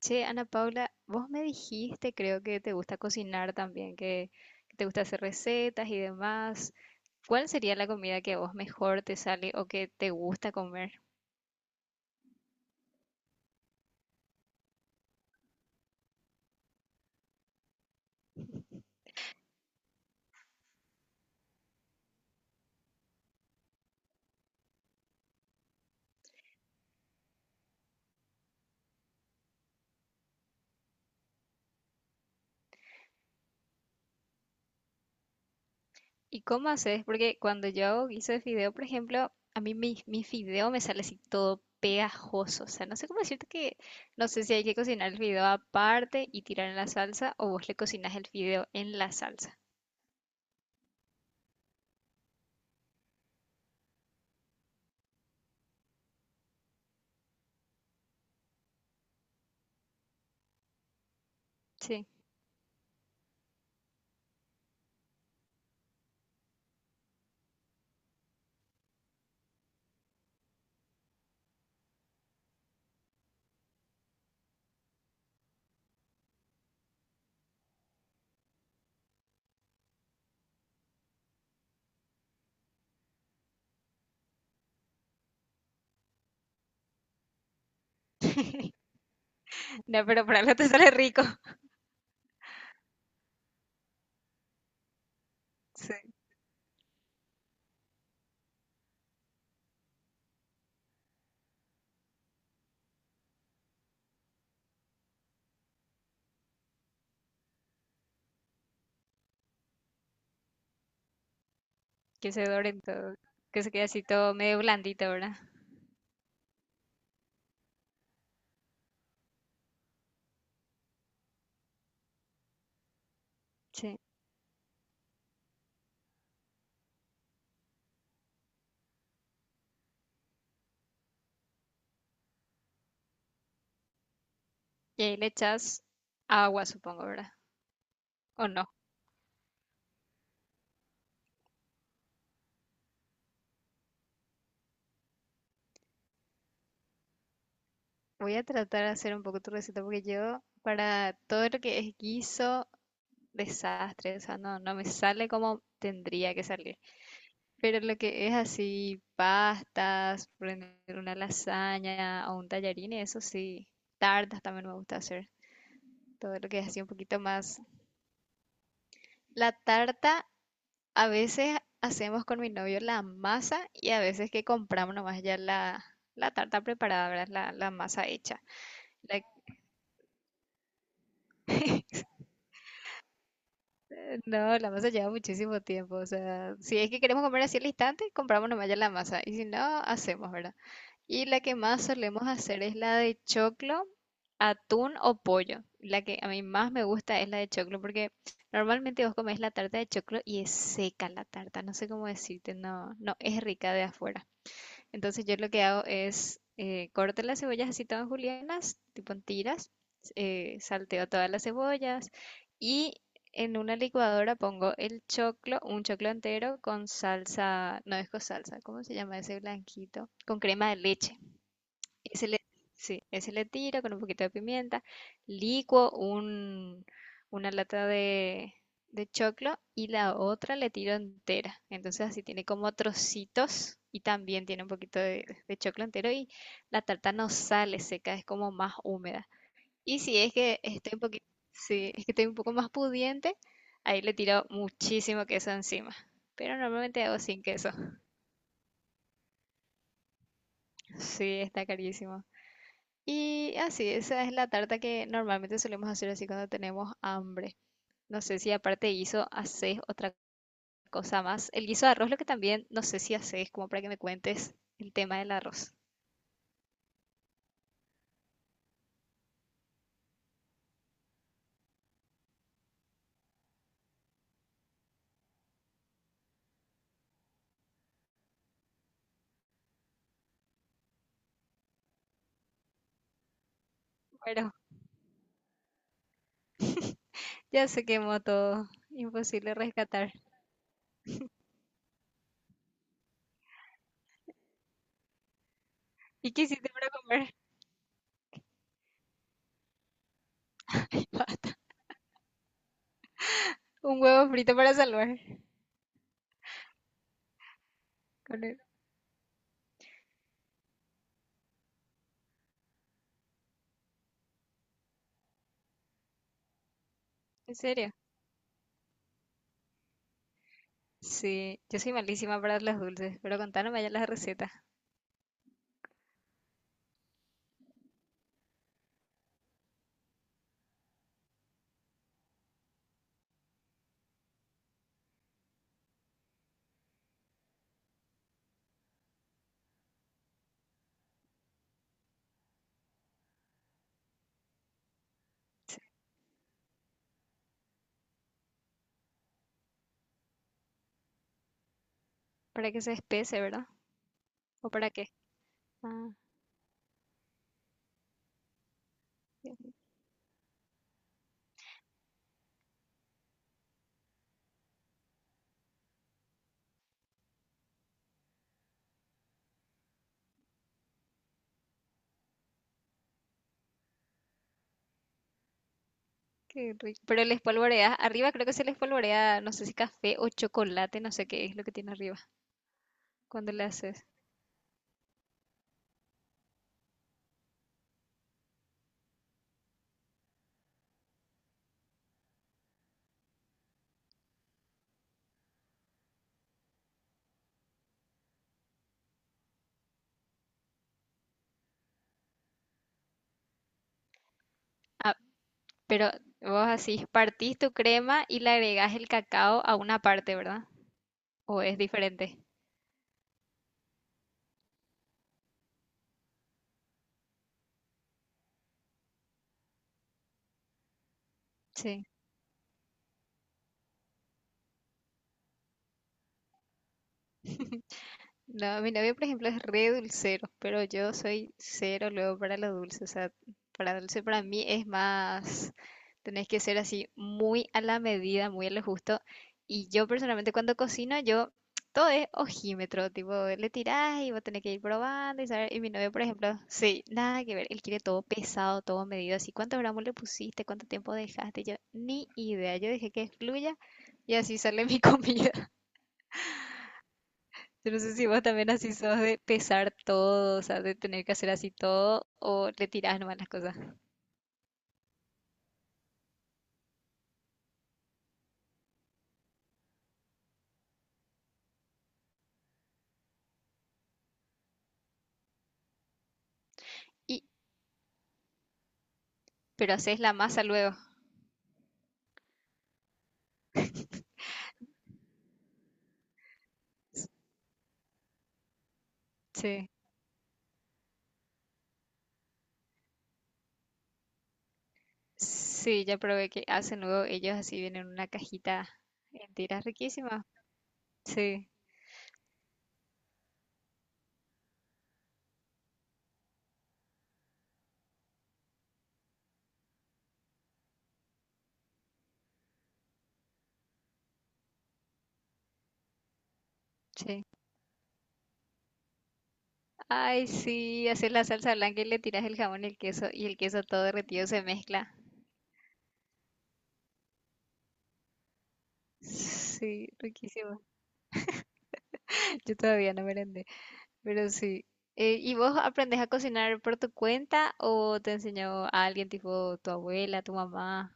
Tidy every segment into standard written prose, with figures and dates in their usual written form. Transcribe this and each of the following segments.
Che, Ana Paula, vos me dijiste, creo que te gusta cocinar también, que te gusta hacer recetas y demás. ¿Cuál sería la comida que a vos mejor te sale o que te gusta comer? ¿Y cómo haces? Porque cuando yo hago guiso de fideo, por ejemplo, a mí mi fideo me sale así todo pegajoso. O sea, no sé cómo decirte que, no sé si hay que cocinar el fideo aparte y tirar en la salsa o vos le cocinas el fideo en la salsa. Sí. No, pero para algo te sale rico. Sí, que se dorento, que se quede así todo medio blandito, ¿verdad? Sí. Y ahí le echas agua, supongo, ¿verdad? ¿O no? Voy a tratar de hacer un poco tu receta porque yo para todo lo que es guiso, desastre, o sea, no me sale como tendría que salir. Pero lo que es así, pastas, poner una lasaña o un tallarín, y eso sí, tartas también me gusta hacer. Todo lo que es así un poquito más... La tarta a veces hacemos con mi novio la masa y a veces que compramos nomás ya la tarta preparada, ¿verdad? La masa hecha. La- No, la masa lleva muchísimo tiempo. O sea, si es que queremos comer así al instante, compramos nomás ya la masa. Y si no, hacemos, ¿verdad? Y la que más solemos hacer es la de choclo, atún o pollo. La que a mí más me gusta es la de choclo porque normalmente vos comés la tarta de choclo y es seca la tarta. No sé cómo decirte, no es rica de afuera. Entonces yo lo que hago es corto las cebollas así todas julianas, tipo en tiras, salteo todas las cebollas y en una licuadora pongo el choclo, un choclo entero con salsa, no es con salsa, ¿cómo se llama ese blanquito? Con crema de leche. Y se le, sí, ese le tiro con un poquito de pimienta, licuo un, una lata de choclo y la otra le tiro entera. Entonces así tiene como trocitos y también tiene un poquito de choclo entero y la tarta no sale seca, es como más húmeda. Y si es que estoy un poquito, sí, es que estoy un poco más pudiente, ahí le tiro muchísimo queso encima. Pero normalmente hago sin queso. Sí, está carísimo. Y así, esa es la tarta que normalmente solemos hacer así cuando tenemos hambre. No sé si aparte de guiso haces otra cosa más. El guiso de arroz, lo que también no sé si haces, como para que me cuentes el tema del arroz. Bueno, ya se quemó todo. Imposible rescatar. ¿Y qué hiciste para comer? Ay, basta. Un huevo frito para salvar. Con el- ¿En serio? Sí, yo soy malísima para los dulces, pero contanos ya la receta. ¿Para que se espese, verdad? ¿O para qué? Ah, ya. Qué rico. Pero les polvoreas, arriba creo que se les polvorea, no sé si café o chocolate, no sé qué es lo que tiene arriba cuando le haces. Ah, pero vos así, partís tu crema y le agregás el cacao a una parte, ¿verdad? ¿O es diferente? Sí. No, mi novio, por ejemplo, es re dulcero, pero yo soy cero luego para lo dulce. O sea, para dulce para mí es más, tenés que ser así muy a la medida, muy a lo justo. Y yo personalmente cuando cocino, yo todo es ojímetro, tipo, le tirás y vos tenés que ir probando y saber. Y mi novio, por ejemplo, sí, nada que ver, él quiere todo pesado, todo medido, así, cuántos gramos le pusiste, cuánto tiempo dejaste. Yo ni idea, yo dejé que fluya y así sale mi comida. Yo no sé si vos también así sos de pesar todo, o sea, de tener que hacer así todo, o le tirás nomás las cosas. Y, pero haces la masa luego. Sí. Sí, ya probé, que hacen luego ellos, así vienen en una cajita entera riquísima. Sí, sí. Ay, sí, haces la salsa blanca y le tiras el jamón y el queso todo derretido se mezcla. Sí, riquísimo. Yo todavía no merendé. Pero sí. ¿Y vos aprendes a cocinar por tu cuenta o te enseñó a alguien tipo tu abuela, tu mamá?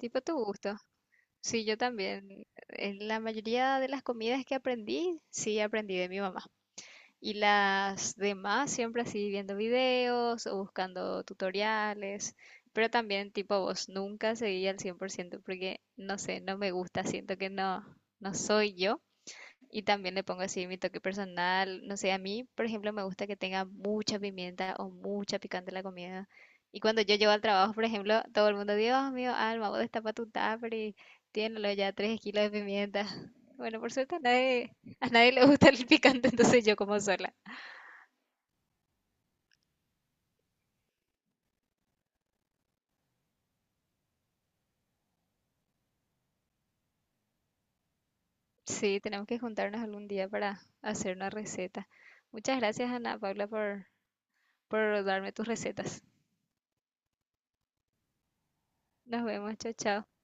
Tipo tu gusto. Sí, yo también. En la mayoría de las comidas que aprendí, sí aprendí de mi mamá. Y las demás siempre así viendo videos o buscando tutoriales. Pero también tipo vos, nunca seguí al 100% porque no sé, no me gusta, siento que no, no soy yo. Y también le pongo así mi toque personal. No sé, a mí, por ejemplo, me gusta que tenga mucha pimienta o mucha picante la comida. Y cuando yo llego al trabajo, por ejemplo, todo el mundo, Dios mío, Alma, vos destapa tu tupper y tiénelo ya 3 kilos de pimienta. Bueno, por suerte a nadie le gusta el picante, entonces yo como sola. Sí, tenemos que juntarnos algún día para hacer una receta. Muchas gracias, Ana Paula, por darme tus recetas. Nos vemos, chao, chao.